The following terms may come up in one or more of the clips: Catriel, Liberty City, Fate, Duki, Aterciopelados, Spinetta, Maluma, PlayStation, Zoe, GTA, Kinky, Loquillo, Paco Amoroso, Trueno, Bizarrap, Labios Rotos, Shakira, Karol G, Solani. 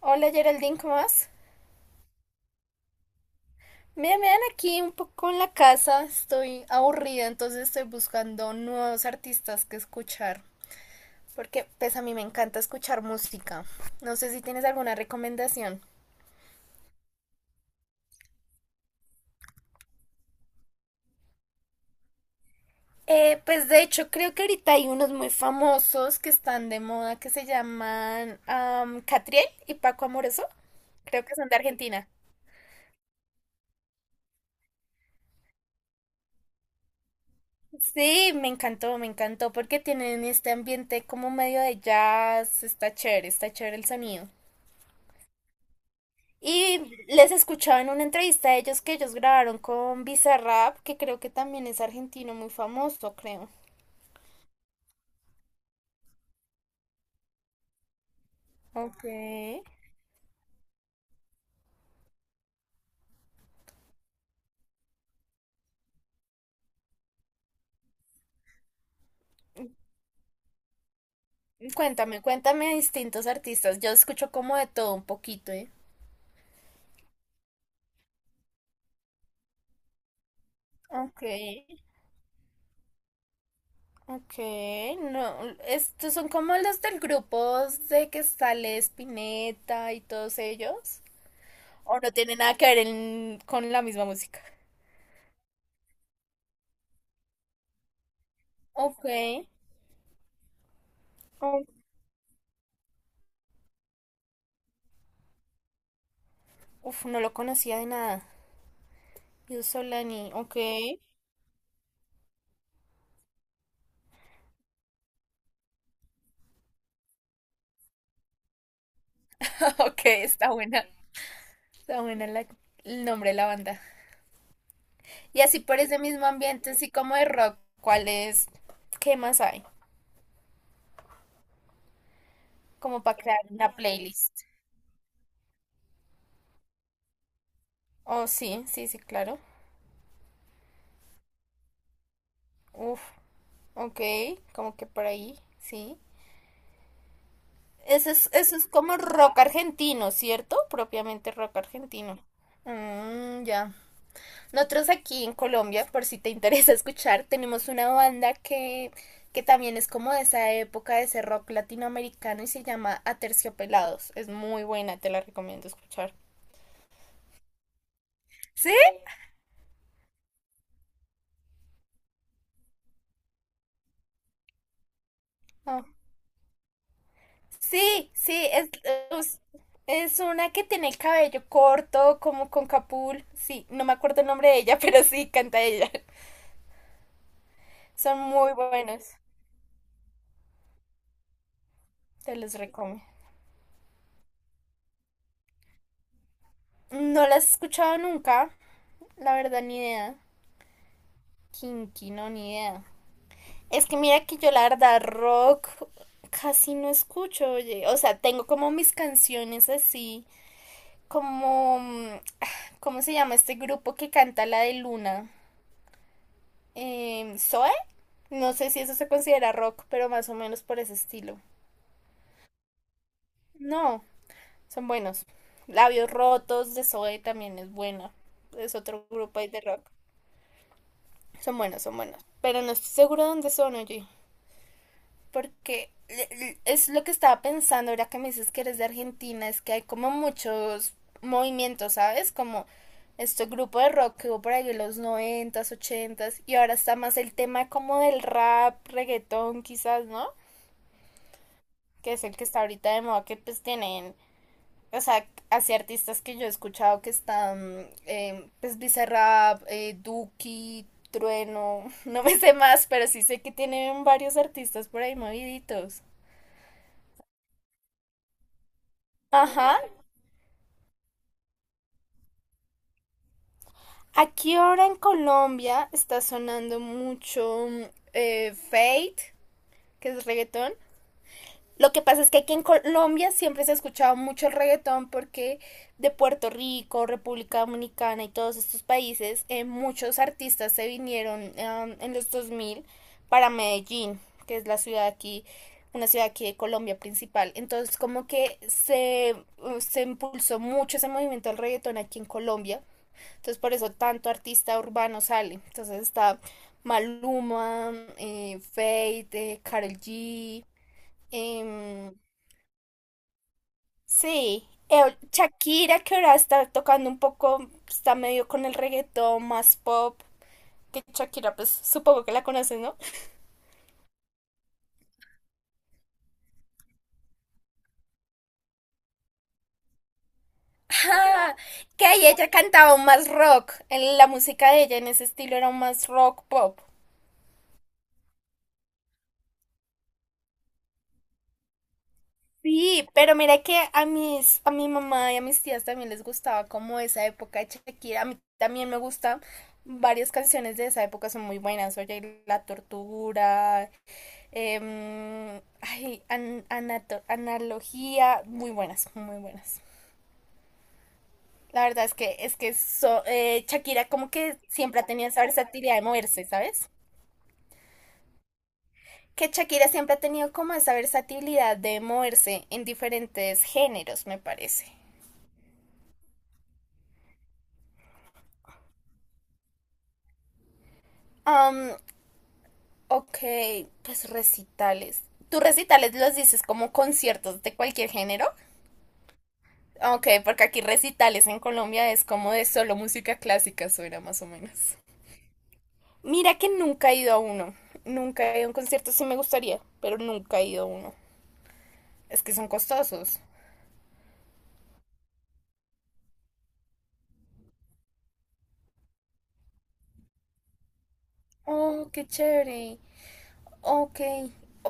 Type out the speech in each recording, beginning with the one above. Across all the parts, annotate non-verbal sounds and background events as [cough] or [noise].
Hola Geraldine, ¿cómo vas? Mira, me dan aquí un poco en la casa, estoy aburrida, entonces estoy buscando nuevos artistas que escuchar, porque pues a mí me encanta escuchar música. No sé si tienes alguna recomendación. Pues de hecho creo que ahorita hay unos muy famosos que están de moda que se llaman Catriel y Paco Amoroso. Creo que son de Argentina. Sí, me encantó porque tienen este ambiente como medio de jazz, está chévere el sonido. Y les escuchaba en una entrevista a ellos que ellos grabaron con Bizarrap, que creo que también es argentino muy famoso, creo. Ok. Cuéntame, cuéntame de distintos artistas. Yo escucho como de todo un poquito, ¿eh? Ok, ok, no, estos son como los del grupo de que sale Spinetta y todos ellos, o no tiene nada que ver con la misma música. Ok, oh, uf, no lo conocía de nada. Yo Solani, ok. Ok, está buena. Está buena el nombre de la banda. Y así por ese mismo ambiente, así como de rock, ¿cuál es? ¿Qué más hay? Como para crear una playlist. Oh, sí, sí, sí, claro. Uf, ok, como que por ahí, sí. Eso es como rock argentino, ¿cierto? Propiamente rock argentino. Mm, ya. Nosotros aquí en Colombia, por si te [laughs] interesa escuchar, tenemos una banda que también es como de esa época, de ese rock latinoamericano y se llama Aterciopelados. Es muy buena, te la recomiendo escuchar. ¿Sí? Ah, sí, sí, es, es una que tiene el cabello corto, como con capul. Sí, no me acuerdo el nombre de ella, [laughs] pero sí, canta ella. Son muy buenos, te los recomiendo. No las he escuchado nunca, la verdad, ni idea. Kinky, no, ni idea. Es que mira que yo la verdad rock casi no escucho, oye. O sea, tengo como mis canciones así, como, ¿cómo se llama este grupo que canta la de Luna? ¿Zoe? No sé si eso se considera rock, pero más o menos por ese estilo. No, son buenos. Labios Rotos de Zoe también es buena. Es otro grupo ahí de rock. Son buenos, son buenos. Pero no estoy seguro de dónde son, oye. Porque es lo que estaba pensando ahora que me dices que eres de Argentina, es que hay como muchos movimientos, ¿sabes? Como este grupo de rock que hubo por ahí en los noventas, ochentas, y ahora está más el tema como del rap, reggaetón quizás, ¿no? Que es el que está ahorita de moda, que pues tienen, o sea, así artistas que yo he escuchado que están, pues Bizarrap, Duki, Trueno, [laughs] no me sé más, pero sí sé que tienen varios artistas por ahí moviditos. Ajá, aquí ahora en Colombia está sonando mucho Fate, que es reggaetón. Lo que pasa es que aquí en Colombia siempre se ha escuchado mucho el reggaetón porque de Puerto Rico, República Dominicana y todos estos países, muchos artistas se vinieron en los 2000 para Medellín, que es la ciudad aquí, una ciudad aquí de Colombia principal. Entonces como que se impulsó mucho ese movimiento del reggaetón aquí en Colombia, entonces por eso tanto artista urbano sale. Entonces está Maluma, Fate, Karol G. em, sí, Shakira que ahora está tocando un poco, está medio con el reggaetón más pop. Que Shakira, pues supongo que la conoces, ¿no? [laughs] Ah, que ahí ella cantaba más rock. En la música de ella en ese estilo era más rock pop. Sí, pero mira que a mis, a mi mamá y a mis tías también les gustaba como esa época de Shakira. A mí también me gusta. Varias canciones de esa época son muy buenas. Oye, La Tortura, ay, Analogía, muy buenas, muy buenas. La verdad es que Shakira como que siempre ha tenido esa versatilidad de moverse, ¿sabes? Que Shakira siempre ha tenido como esa versatilidad de moverse en diferentes géneros, me parece. Um, Ok, pues recitales. ¿Tú recitales los dices como conciertos de cualquier género? Ok, porque aquí recitales en Colombia es como de solo música clásica, suena más o menos. Mira que nunca he ido a uno. Nunca he ido a un concierto, sí me gustaría, pero nunca he ido a uno. Es que son costosos. Oh, qué chévere. Ok.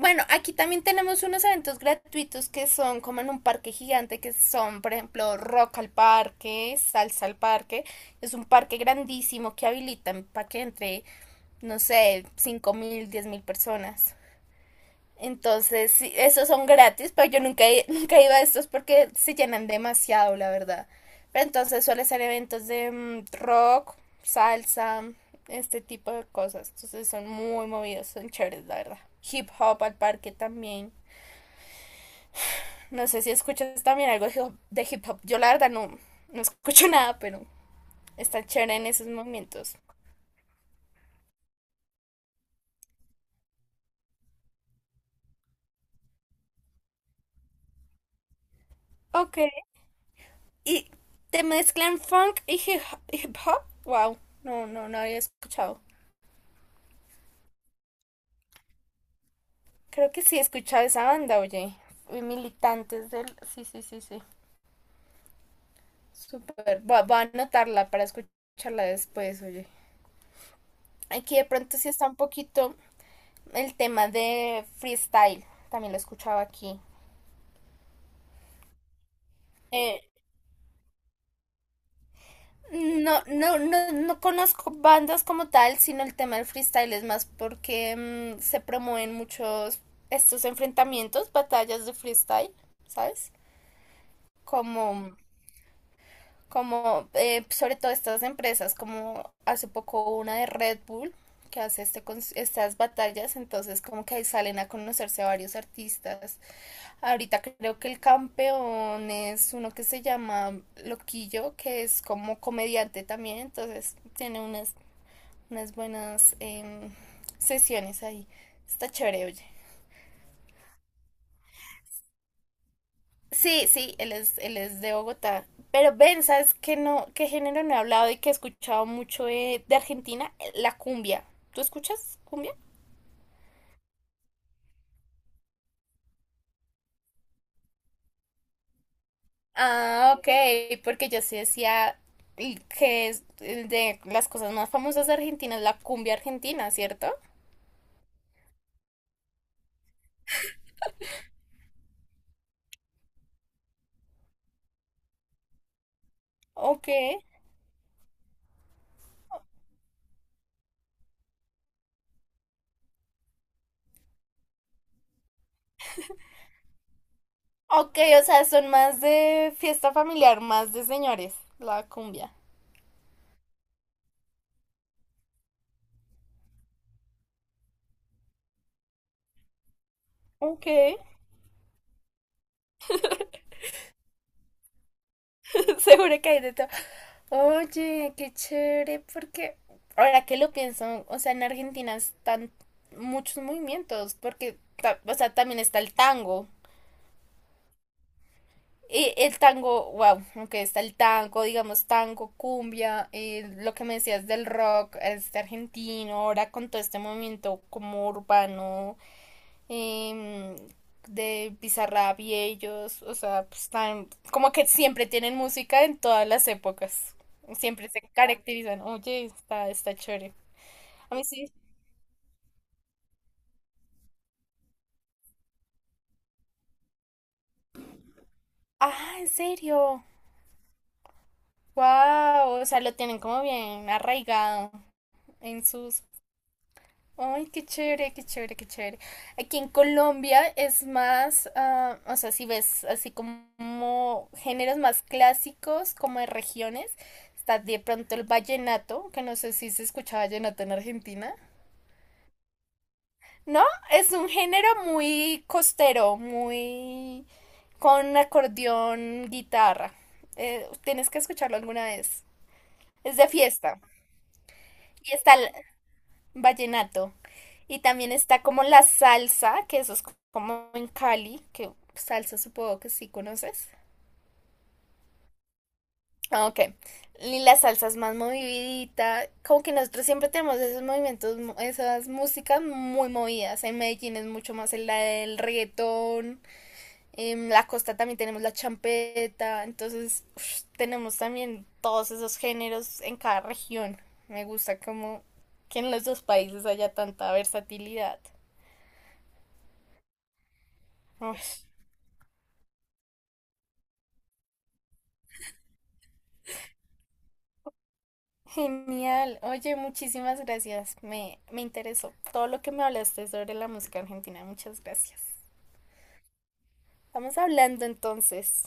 Bueno, aquí también tenemos unos eventos gratuitos que son como en un parque gigante, que son, por ejemplo, Rock al Parque, Salsa al Parque. Es un parque grandísimo que habilitan para que entre, no sé, 5000, 10 000 personas. Entonces, sí, esos son gratis, pero yo nunca, [laughs] nunca iba a estos porque se llenan demasiado, la verdad. Pero entonces suele ser eventos de rock, salsa, este tipo de cosas. Entonces son muy movidos, son chéveres, la verdad. Hip hop al parque también. No sé si escuchas también algo de hip hop. Yo la verdad no, no escucho [laughs] nada, pero está chévere en esos momentos. Ok. ¿Y te mezclan funk y hip hop? Wow, no, no, no había escuchado. Creo que sí he escuchado esa banda, oye. Y Militantes del... Sí, sí, sí, sí. Súper. Voy a, voy a anotarla para escucharla después, oye. Aquí de pronto sí está un poquito el tema de freestyle. También lo he escuchado aquí. Eh, no, no, no, no conozco bandas como tal, sino el tema del freestyle es más porque se promueven muchos estos enfrentamientos, batallas de freestyle, ¿sabes? Como como sobre todo estas empresas, como hace poco una de Red Bull que hace este, estas batallas, entonces como que ahí salen a conocerse a varios artistas. Ahorita creo que el campeón es uno que se llama Loquillo, que es como comediante también, entonces tiene unas, unas buenas sesiones ahí. Está chévere, oye. Sí, sí, él es de Bogotá. Pero ven, ¿sabes qué no, qué género no he hablado y que he escuchado mucho de, Argentina? La cumbia. ¿Tú escuchas cumbia? Ah, ok, porque yo sí decía y que es el de las cosas más famosas de Argentina es la cumbia argentina, ¿cierto? Ok. Ok, o sea, son más de fiesta familiar, más de señores, la cumbia. Ok. [laughs] Seguro que hay de todo. Oye, qué chévere, porque ahora que lo pienso, o sea, en Argentina están muchos movimientos, porque, o sea, también está el tango. Y el tango, wow, aunque está el tango, digamos, tango, cumbia, lo que me decías del rock, este argentino, ahora con todo este movimiento como urbano em, de Bizarrap y ellos, o sea, pues como que siempre tienen música en todas las épocas, siempre se caracterizan, oye, está, está chévere. A mí sí. Ah, en serio, wow, o sea, lo tienen como bien arraigado en sus... Ay, qué chévere, qué chévere, qué chévere. Aquí en Colombia es más, ah, o sea, si ves así como géneros más clásicos, como de regiones, está de pronto el vallenato, que no sé si se escucha vallenato en Argentina. No, es un género muy costero, muy con acordeón, guitarra. Tienes que escucharlo alguna vez. Es de fiesta. Y está, vallenato. Y también está como la salsa, que eso es como en Cali, que salsa supongo que sí conoces. Ah, ok. Y la salsa es más movidita. Como que nosotros siempre tenemos esos movimientos, esas músicas muy movidas. En Medellín es mucho más el reggaetón. En la costa también tenemos la champeta. Entonces, ush, tenemos también todos esos géneros en cada región. Me gusta como que en los dos países haya tanta versatilidad. Ay, genial. Oye, muchísimas gracias. Me interesó todo lo que me hablaste sobre la música argentina. Muchas gracias. Estamos hablando entonces.